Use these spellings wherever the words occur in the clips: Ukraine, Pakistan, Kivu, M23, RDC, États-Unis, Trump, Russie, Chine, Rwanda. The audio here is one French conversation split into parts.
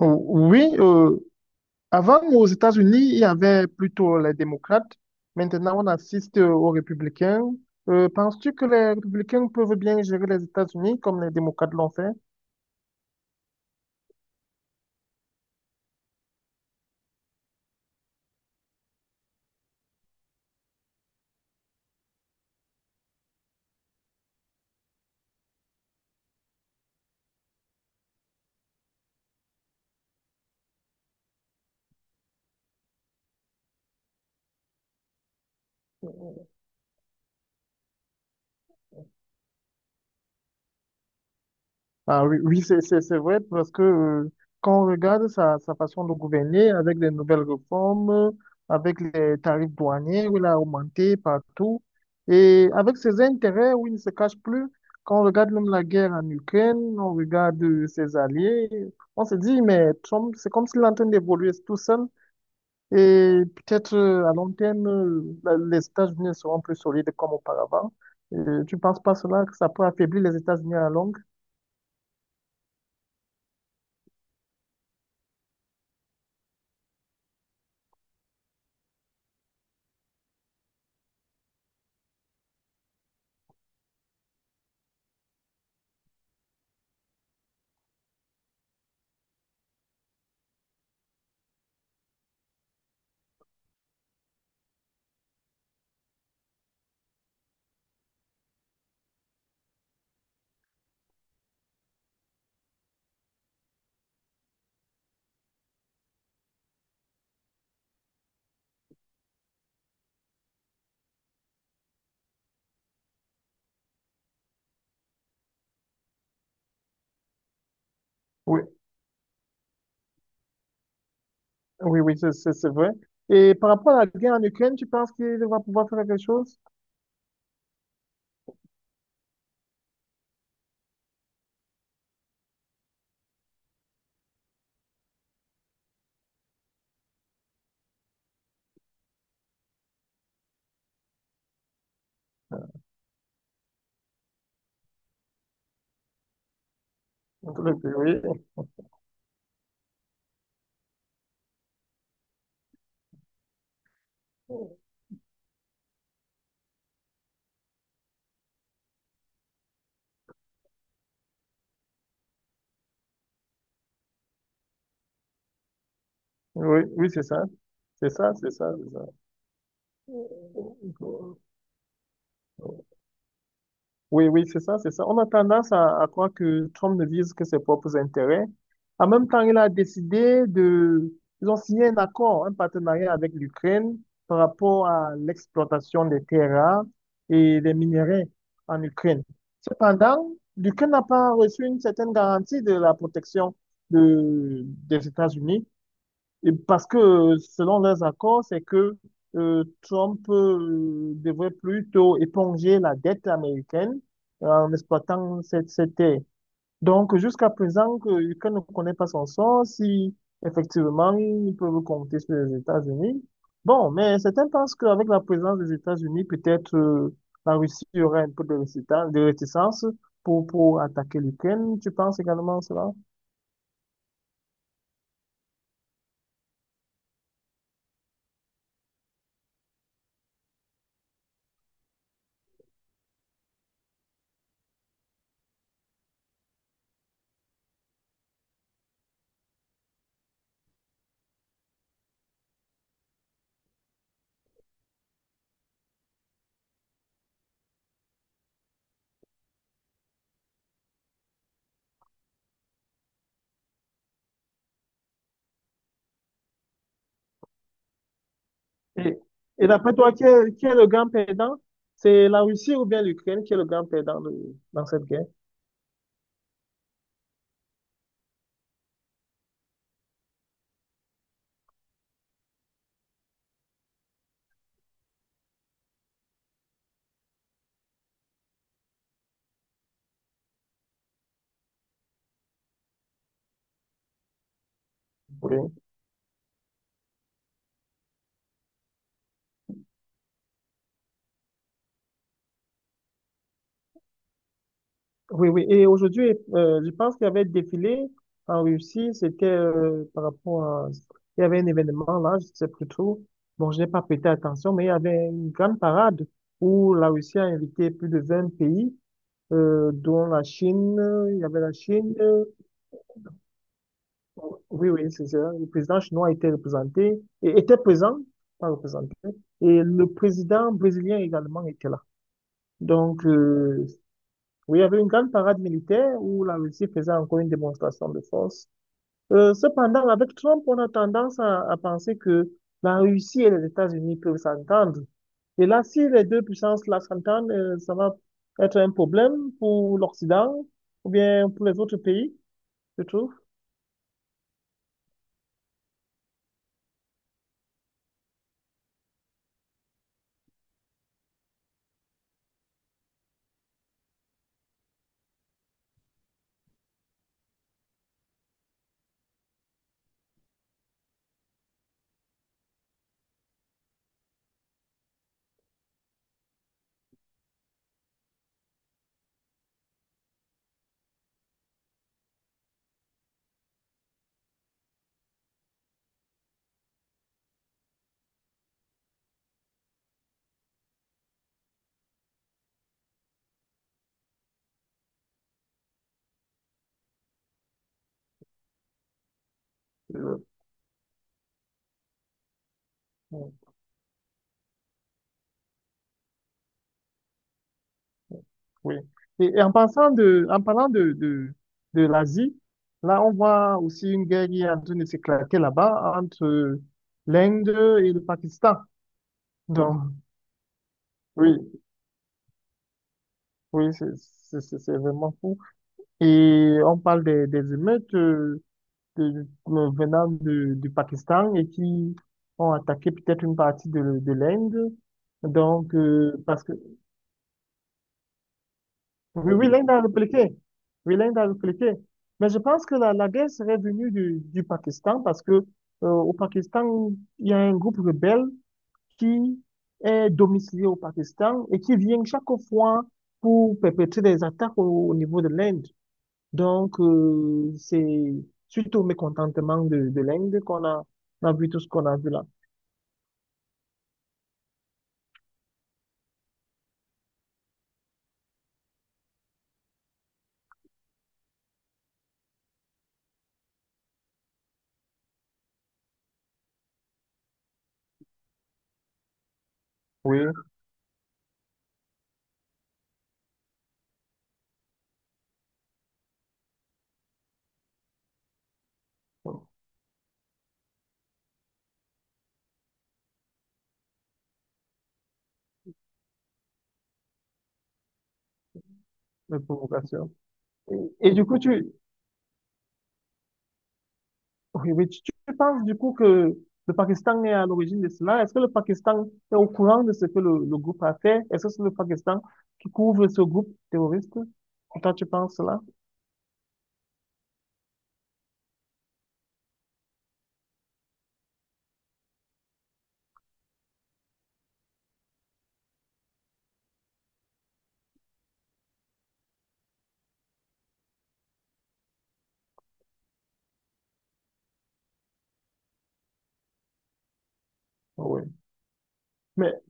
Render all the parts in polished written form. Ou- Oui, euh, Avant aux États-Unis, il y avait plutôt les démocrates. Maintenant, on assiste aux républicains. Penses-tu que les républicains peuvent bien gérer les États-Unis comme les démocrates l'ont fait? Ah oui, oui, c'est vrai parce que quand on regarde sa façon de gouverner avec les nouvelles réformes, avec les tarifs douaniers où il a augmenté partout et avec ses intérêts où il ne se cache plus, quand on regarde même la guerre en Ukraine, on regarde ses alliés, on se dit, mais Trump, c'est comme s'il est en train d'évoluer tout seul et peut-être à long terme, les États-Unis seront plus solides comme auparavant. Tu ne penses pas cela, que ça peut affaiblir les États-Unis à la longue? Oui. Oui, oui, c'est vrai. Et par rapport à la guerre en Ukraine, tu penses qu'il va pouvoir faire quelque chose? Entre les deux, oui, oui, oui, c'est ça. C'est ça, c'est ça, c'est ça. Oui, oui, c'est ça, c'est ça. On a tendance à croire que Trump ne vise que ses propres intérêts. En même temps, il a décidé de... Ils ont signé un accord, un partenariat avec l'Ukraine par rapport à l'exploitation des terres rares et des minerais en Ukraine. Cependant, l'Ukraine n'a pas reçu une certaine garantie de la protection de, des États-Unis. Et parce que selon leurs accords, c'est que Trump devrait plutôt éponger la dette américaine en exploitant cette terre. Donc, jusqu'à présent, que l'Ukraine ne connaît pas son sort, si effectivement ils peuvent compter sur les États-Unis. Bon, mais certains pensent qu'avec la présence des États-Unis, peut-être la Russie aurait un peu de réticence pour attaquer l'Ukraine. Tu penses également à cela? Et, et d'après toi, qui est le grand perdant? C'est la Russie ou bien l'Ukraine qui est le grand perdant dans cette guerre? Oui, oui, oui. Et aujourd'hui, je pense qu'il y avait défilé en Russie. C'était par rapport à... Il y avait un événement là, je ne sais plus trop. Bon, je n'ai pas prêté attention, mais il y avait une grande parade où la Russie a invité plus de 20 pays, dont la Chine. Il y avait la Chine. Oui, oui, c'est ça. Le président chinois était représenté, et était présent, pas représenté, et le président brésilien également était là. Donc, oui, il y avait une grande parade militaire où la Russie faisait encore une démonstration de force. Cependant, avec Trump, on a tendance à penser que la Russie et les États-Unis peuvent s'entendre. Et là, si les deux puissances-là s'entendent, ça va être un problème pour l'Occident ou bien pour les autres pays, je trouve. Euh, bon. Oui. Et en en parlant de l'Asie, là, on voit aussi une guerre qui est en train de s'éclater là-bas entre l'Inde et le Pakistan. Donc, oui, oui, c'est vraiment fou. Et on parle des émeutes venant du Pakistan et qui ont attaqué peut-être une partie de l'Inde. Donc, parce que oui, oui, l'Inde a répliqué. Oui, l'Inde a répliqué. Mais je pense que la guerre serait venue du Pakistan parce que au Pakistan, il y a un groupe rebelle qui est domicilié au Pakistan et qui vient chaque fois pour perpétrer des attaques au niveau de l'Inde. Donc, c'est suite au mécontentement de l'Inde on a vu tout ce qu'on a vu là. Oui. Les provocations. Et, et du coup, tu, Oui, mais tu penses du coup que le Pakistan est à l'origine de cela? Est-ce que le Pakistan est au courant de ce que le groupe a fait? Est-ce que c'est le Pakistan qui couvre ce groupe terroriste? Toi, tu penses cela? Oui. Mais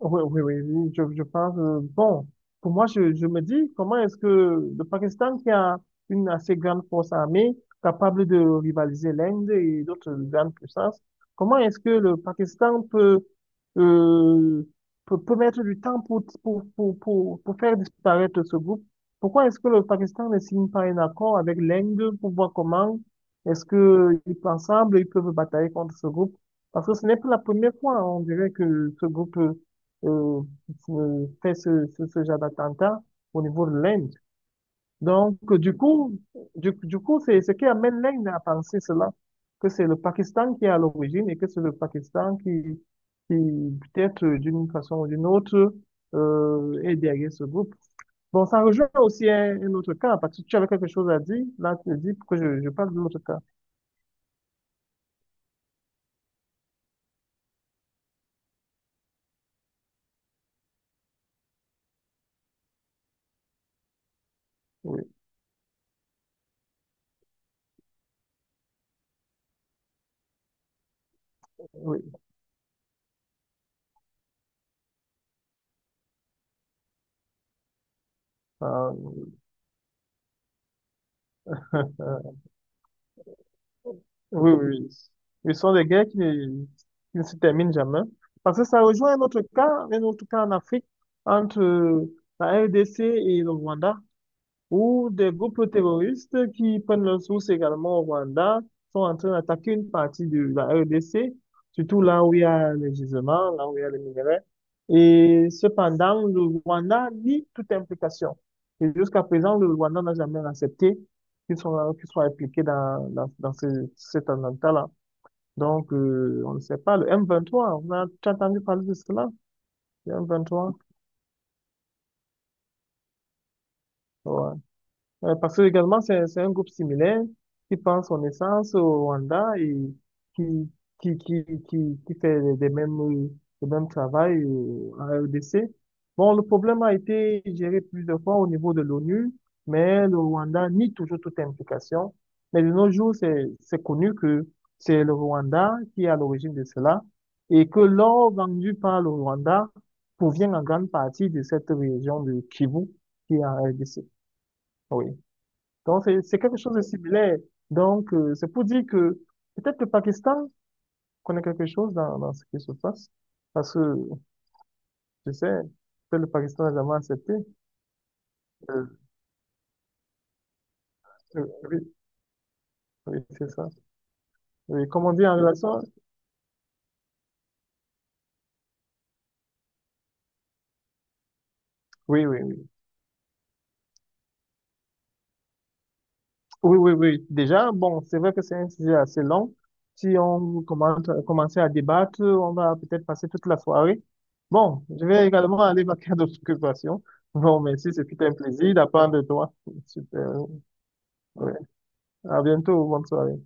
oui, oui, oui, oui, je pense. Euh, bon, pour moi, je me dis, comment est-ce que le Pakistan, qui a une assez grande force armée, capable de rivaliser l'Inde et d'autres grandes puissances, comment est-ce que le Pakistan peut, euh, peut mettre du temps pour faire disparaître ce groupe? Pourquoi est-ce que le Pakistan ne signe pas un accord avec l'Inde pour voir comment est-ce que ils peuvent ensemble, ils peuvent batailler contre ce groupe? Parce que ce n'est pas la première fois, on dirait que ce groupe euh, fait ce genre d'attentat au niveau de l'Inde. Donc, du coup, du coup, c'est ce qui amène l'Inde à penser cela, que c'est le Pakistan qui est à l'origine et que c'est le Pakistan qui peut-être d'une façon ou d'une autre, est derrière ce groupe. Bon, ça rejoint aussi un autre cas, parce que tu avais quelque chose à dire, là, tu dis pourquoi je parle de l'autre cas. Oui, oui. Euh, oui, oui, oui. Ce sont des guerres qui ne se terminent jamais. Parce que ça rejoint un autre cas en Afrique, entre la RDC et le Rwanda où des groupes terroristes qui prennent leurs sources également au Rwanda sont en train d'attaquer une partie de la RDC, surtout là où il y a les gisements, là où il y a les minerais. Et cependant, le Rwanda nie toute implication. Et jusqu'à présent, le Rwanda n'a jamais accepté qu'ils soient impliqués dans cet attentat-là. Donc, on ne sait pas. Le M23, on a, tu as entendu parler de cela? Le M23? Parce que également, c'est un groupe similaire qui prend son essence au Rwanda et qui, qui fait les mêmes, le même travail à RDC. Bon, le problème a été géré plusieurs fois au niveau de l'ONU, mais le Rwanda nie toujours toute implication. Mais de nos jours, c'est connu que c'est le Rwanda qui est à l'origine de cela et que l'or vendu par le Rwanda provient en grande partie de cette région de Kivu qui est en RDC. Oui. Donc, c'est quelque chose de similaire. Donc, c'est pour dire que peut-être le Pakistan connaît quelque chose dans ce qui se passe. Parce que, je sais, peut-être le Pakistan n'a jamais accepté. Euh, oui, oui, c'est ça. Oui, comme on dit en relation. Oui, oui, oui. Oui, oui, oui. Déjà, bon, c'est vrai que c'est un sujet assez long. Si on commence à débattre, on va peut-être passer toute la soirée. Bon, je vais également aller vaquer à d'autres occupations. Bon, merci, c'était un plaisir d'apprendre de toi. Super. Oui. À bientôt, bonne soirée.